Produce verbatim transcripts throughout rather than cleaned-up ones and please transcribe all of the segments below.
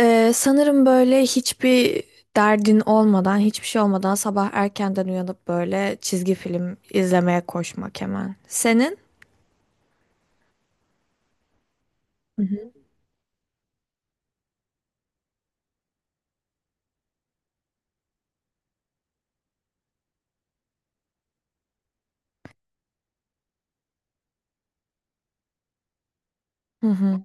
Ee, sanırım böyle hiçbir derdin olmadan, hiçbir şey olmadan sabah erkenden uyanıp böyle çizgi film izlemeye koşmak hemen. Senin? Hı hı. Hı hı.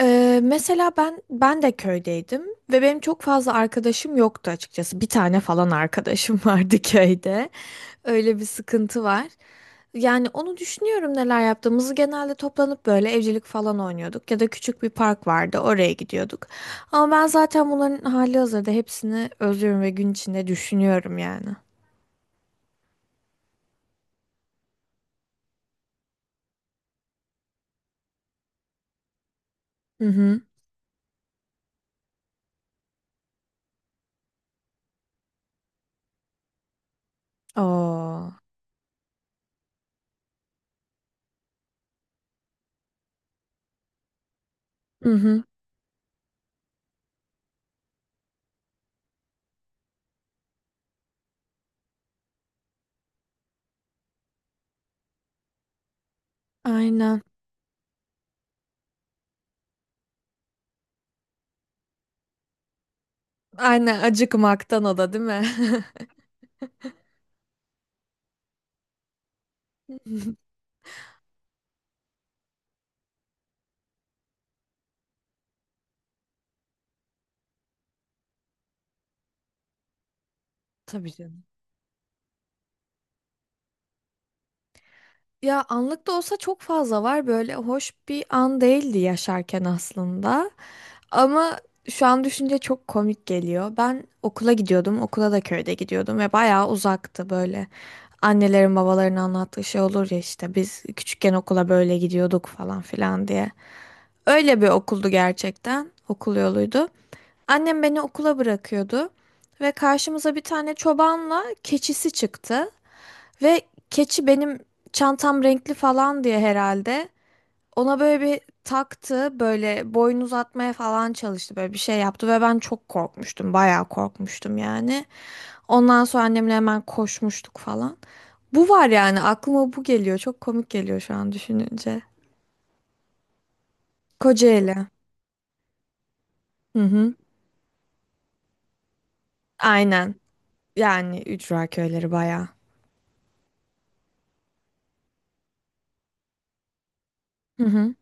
Ee, mesela ben ben de köydeydim ve benim çok fazla arkadaşım yoktu açıkçası. Bir tane falan arkadaşım vardı köyde. Öyle bir sıkıntı var. Yani onu düşünüyorum neler yaptığımızı. Genelde toplanıp böyle evcilik falan oynuyorduk ya da küçük bir park vardı oraya gidiyorduk. Ama ben zaten bunların hali hazırda hepsini özlüyorum ve gün içinde düşünüyorum yani. Hı hı. Oo. Hı hı. Aynen. Aynen, acıkmaktan o da değil mi? Tabii canım. Ya anlık da olsa çok fazla var, böyle hoş bir an değildi yaşarken aslında. Ama şu an düşünce çok komik geliyor. Ben okula gidiyordum, okula da köyde gidiyordum ve bayağı uzaktı böyle. Annelerin babaların anlattığı şey olur ya, işte biz küçükken okula böyle gidiyorduk falan filan diye. Öyle bir okuldu gerçekten, okul yoluydu. Annem beni okula bırakıyordu ve karşımıza bir tane çobanla keçisi çıktı. Ve keçi benim çantam renkli falan diye herhalde ona böyle bir taktı, böyle boyun uzatmaya falan çalıştı, böyle bir şey yaptı ve ben çok korkmuştum, bayağı korkmuştum yani. Ondan sonra annemle hemen koşmuştuk falan. Bu var yani, aklıma bu geliyor. Çok komik geliyor şu an düşününce. Kocaeli. Hı hı. Aynen. Yani ücra köyleri bayağı. Hı hı.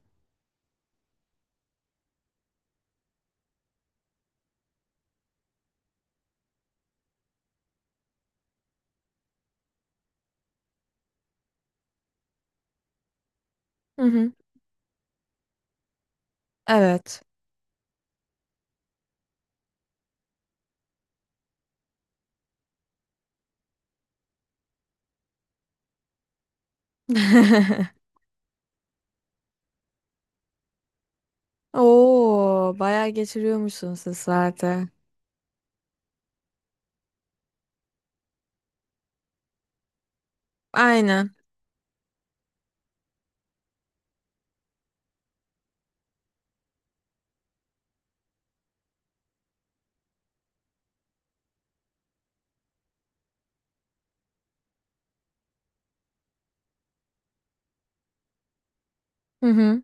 Hı hı. Evet. Oo, bayağı geçiriyormuşsun sizlerde. Aynen. Hı hı.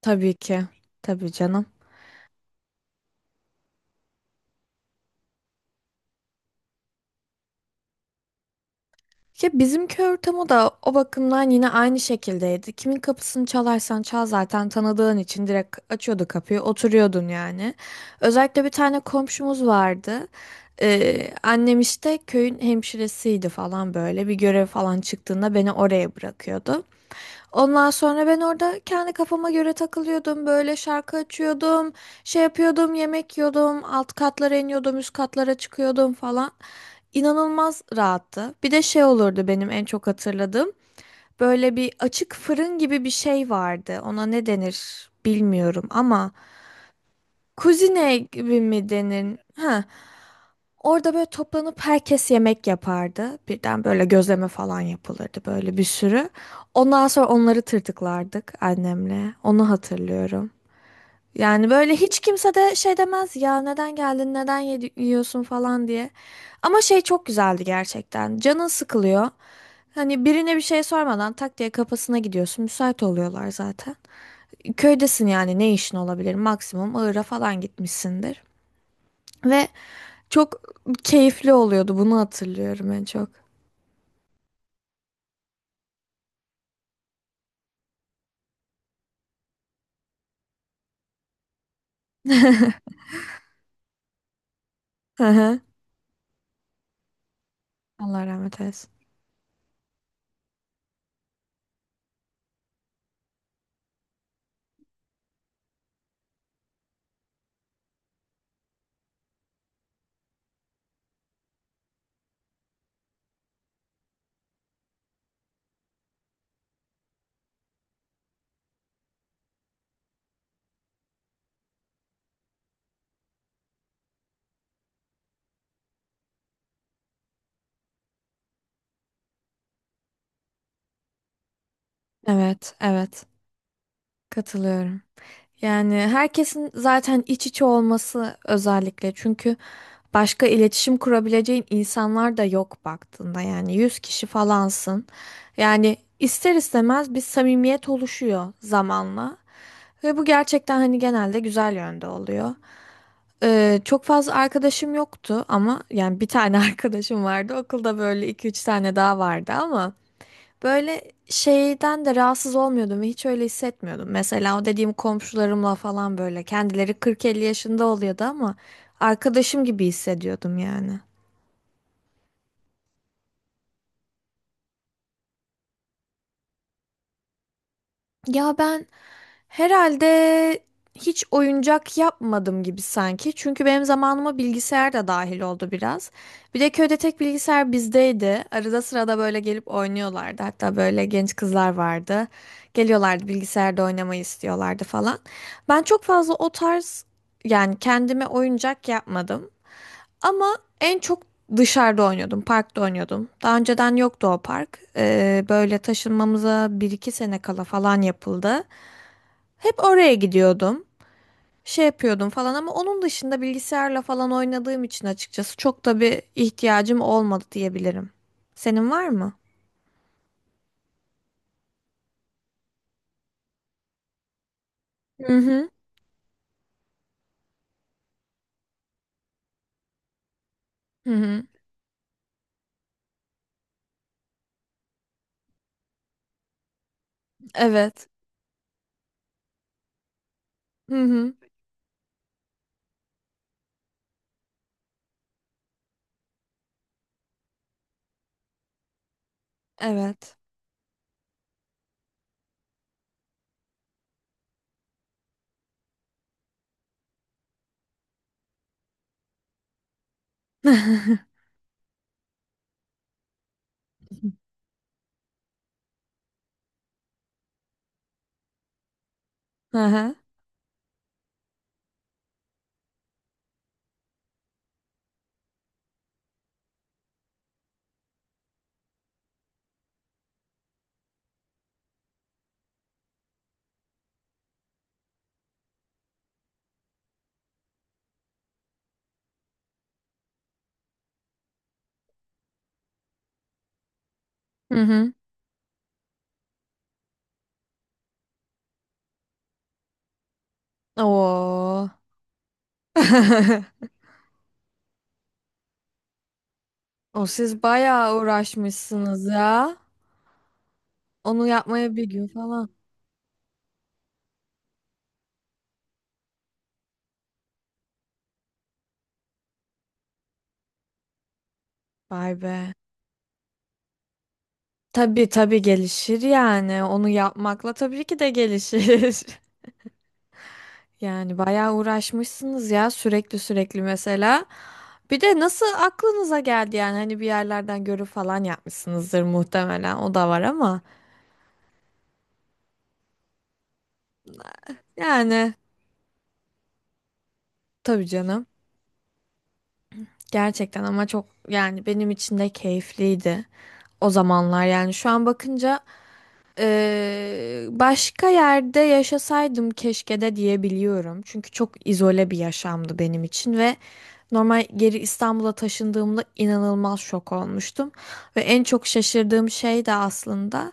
Tabii ki. Tabii canım. Ya bizimki ortamı da o bakımdan yine aynı şekildeydi. Kimin kapısını çalarsan çal zaten tanıdığın için direkt açıyordu kapıyı, oturuyordun yani. Özellikle bir tane komşumuz vardı. Ee, annem işte köyün hemşiresiydi falan böyle. Bir görev falan çıktığında beni oraya bırakıyordu. Ondan sonra ben orada kendi kafama göre takılıyordum. Böyle şarkı açıyordum, şey yapıyordum, yemek yiyordum, alt katlara iniyordum, üst katlara çıkıyordum falan. İnanılmaz rahattı. Bir de şey olurdu benim en çok hatırladığım. Böyle bir açık fırın gibi bir şey vardı. Ona ne denir bilmiyorum ama kuzine gibi mi denir? Ha. Orada böyle toplanıp herkes yemek yapardı. Birden böyle gözleme falan yapılırdı böyle, bir sürü. Ondan sonra onları tırtıklardık annemle. Onu hatırlıyorum. Yani böyle hiç kimse de şey demez ya, neden geldin, neden yedi- yiyorsun falan diye. Ama şey, çok güzeldi gerçekten. Canın sıkılıyor. Hani birine bir şey sormadan tak diye kapısına gidiyorsun. Müsait oluyorlar zaten. Köydesin yani, ne işin olabilir? Maksimum Iğır'a falan gitmişsindir. Ve çok keyifli oluyordu. Bunu hatırlıyorum en çok. Hı hı. Allah rahmet eylesin. Evet, evet. Katılıyorum. Yani herkesin zaten iç içe olması özellikle, çünkü başka iletişim kurabileceğin insanlar da yok baktığında, yani yüz kişi falansın. Yani ister istemez bir samimiyet oluşuyor zamanla ve bu gerçekten hani genelde güzel yönde oluyor. Ee, çok fazla arkadaşım yoktu ama yani bir tane arkadaşım vardı okulda, böyle iki üç tane daha vardı ama. Böyle şeyden de rahatsız olmuyordum ve hiç öyle hissetmiyordum. Mesela o dediğim komşularımla falan böyle, kendileri kırk elli yaşında oluyordu ama arkadaşım gibi hissediyordum yani. Ya ben herhalde hiç oyuncak yapmadım gibi sanki. Çünkü benim zamanıma bilgisayar da dahil oldu biraz. Bir de köyde tek bilgisayar bizdeydi. Arada sırada böyle gelip oynuyorlardı. Hatta böyle genç kızlar vardı. Geliyorlardı, bilgisayarda oynamayı istiyorlardı falan. Ben çok fazla o tarz, yani kendime oyuncak yapmadım. Ama en çok dışarıda oynuyordum, parkta oynuyordum. Daha önceden yoktu o park. Ee, böyle taşınmamıza bir iki sene kala falan yapıldı. Hep oraya gidiyordum. Şey yapıyordum falan ama onun dışında bilgisayarla falan oynadığım için açıkçası çok da bir ihtiyacım olmadı diyebilirim. Senin var mı? Hı hı. Hı hı. Evet. Hı hı. Evet. Hı hı. Hı hı. Oo. O siz bayağı uğraşmışsınız ya. Onu yapmaya bir gün falan. Vay be. Tabii tabii gelişir yani. Onu yapmakla tabii ki de gelişir. Yani bayağı uğraşmışsınız ya, sürekli sürekli mesela. Bir de nasıl aklınıza geldi yani, hani bir yerlerden görüp falan yapmışsınızdır muhtemelen. O da var ama yani, tabii canım. Gerçekten ama çok, yani benim için de keyifliydi o zamanlar, yani şu an bakınca Ee, başka yerde yaşasaydım keşke de diyebiliyorum. Çünkü çok izole bir yaşamdı benim için ve normal geri İstanbul'a taşındığımda inanılmaz şok olmuştum. Ve en çok şaşırdığım şey de aslında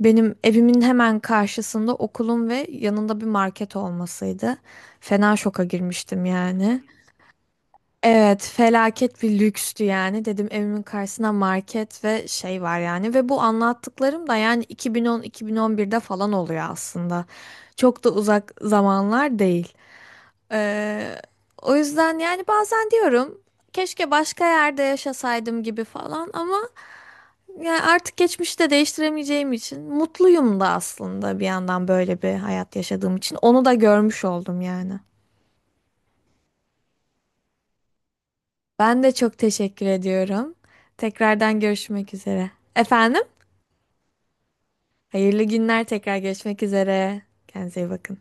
benim evimin hemen karşısında okulum ve yanında bir market olmasıydı. Fena şoka girmiştim yani. Evet, felaket bir lükstü yani. Dedim, evimin karşısına market ve şey var yani. Ve bu anlattıklarım da yani iki bin on iki bin on birde falan oluyor aslında. Çok da uzak zamanlar değil. Ee, o yüzden yani bazen diyorum keşke başka yerde yaşasaydım gibi falan ama yani artık geçmişte değiştiremeyeceğim için mutluyum da aslında bir yandan, böyle bir hayat yaşadığım için. Onu da görmüş oldum yani. Ben de çok teşekkür ediyorum. Tekrardan görüşmek üzere. Efendim? Hayırlı günler, tekrar görüşmek üzere. Kendinize iyi bakın.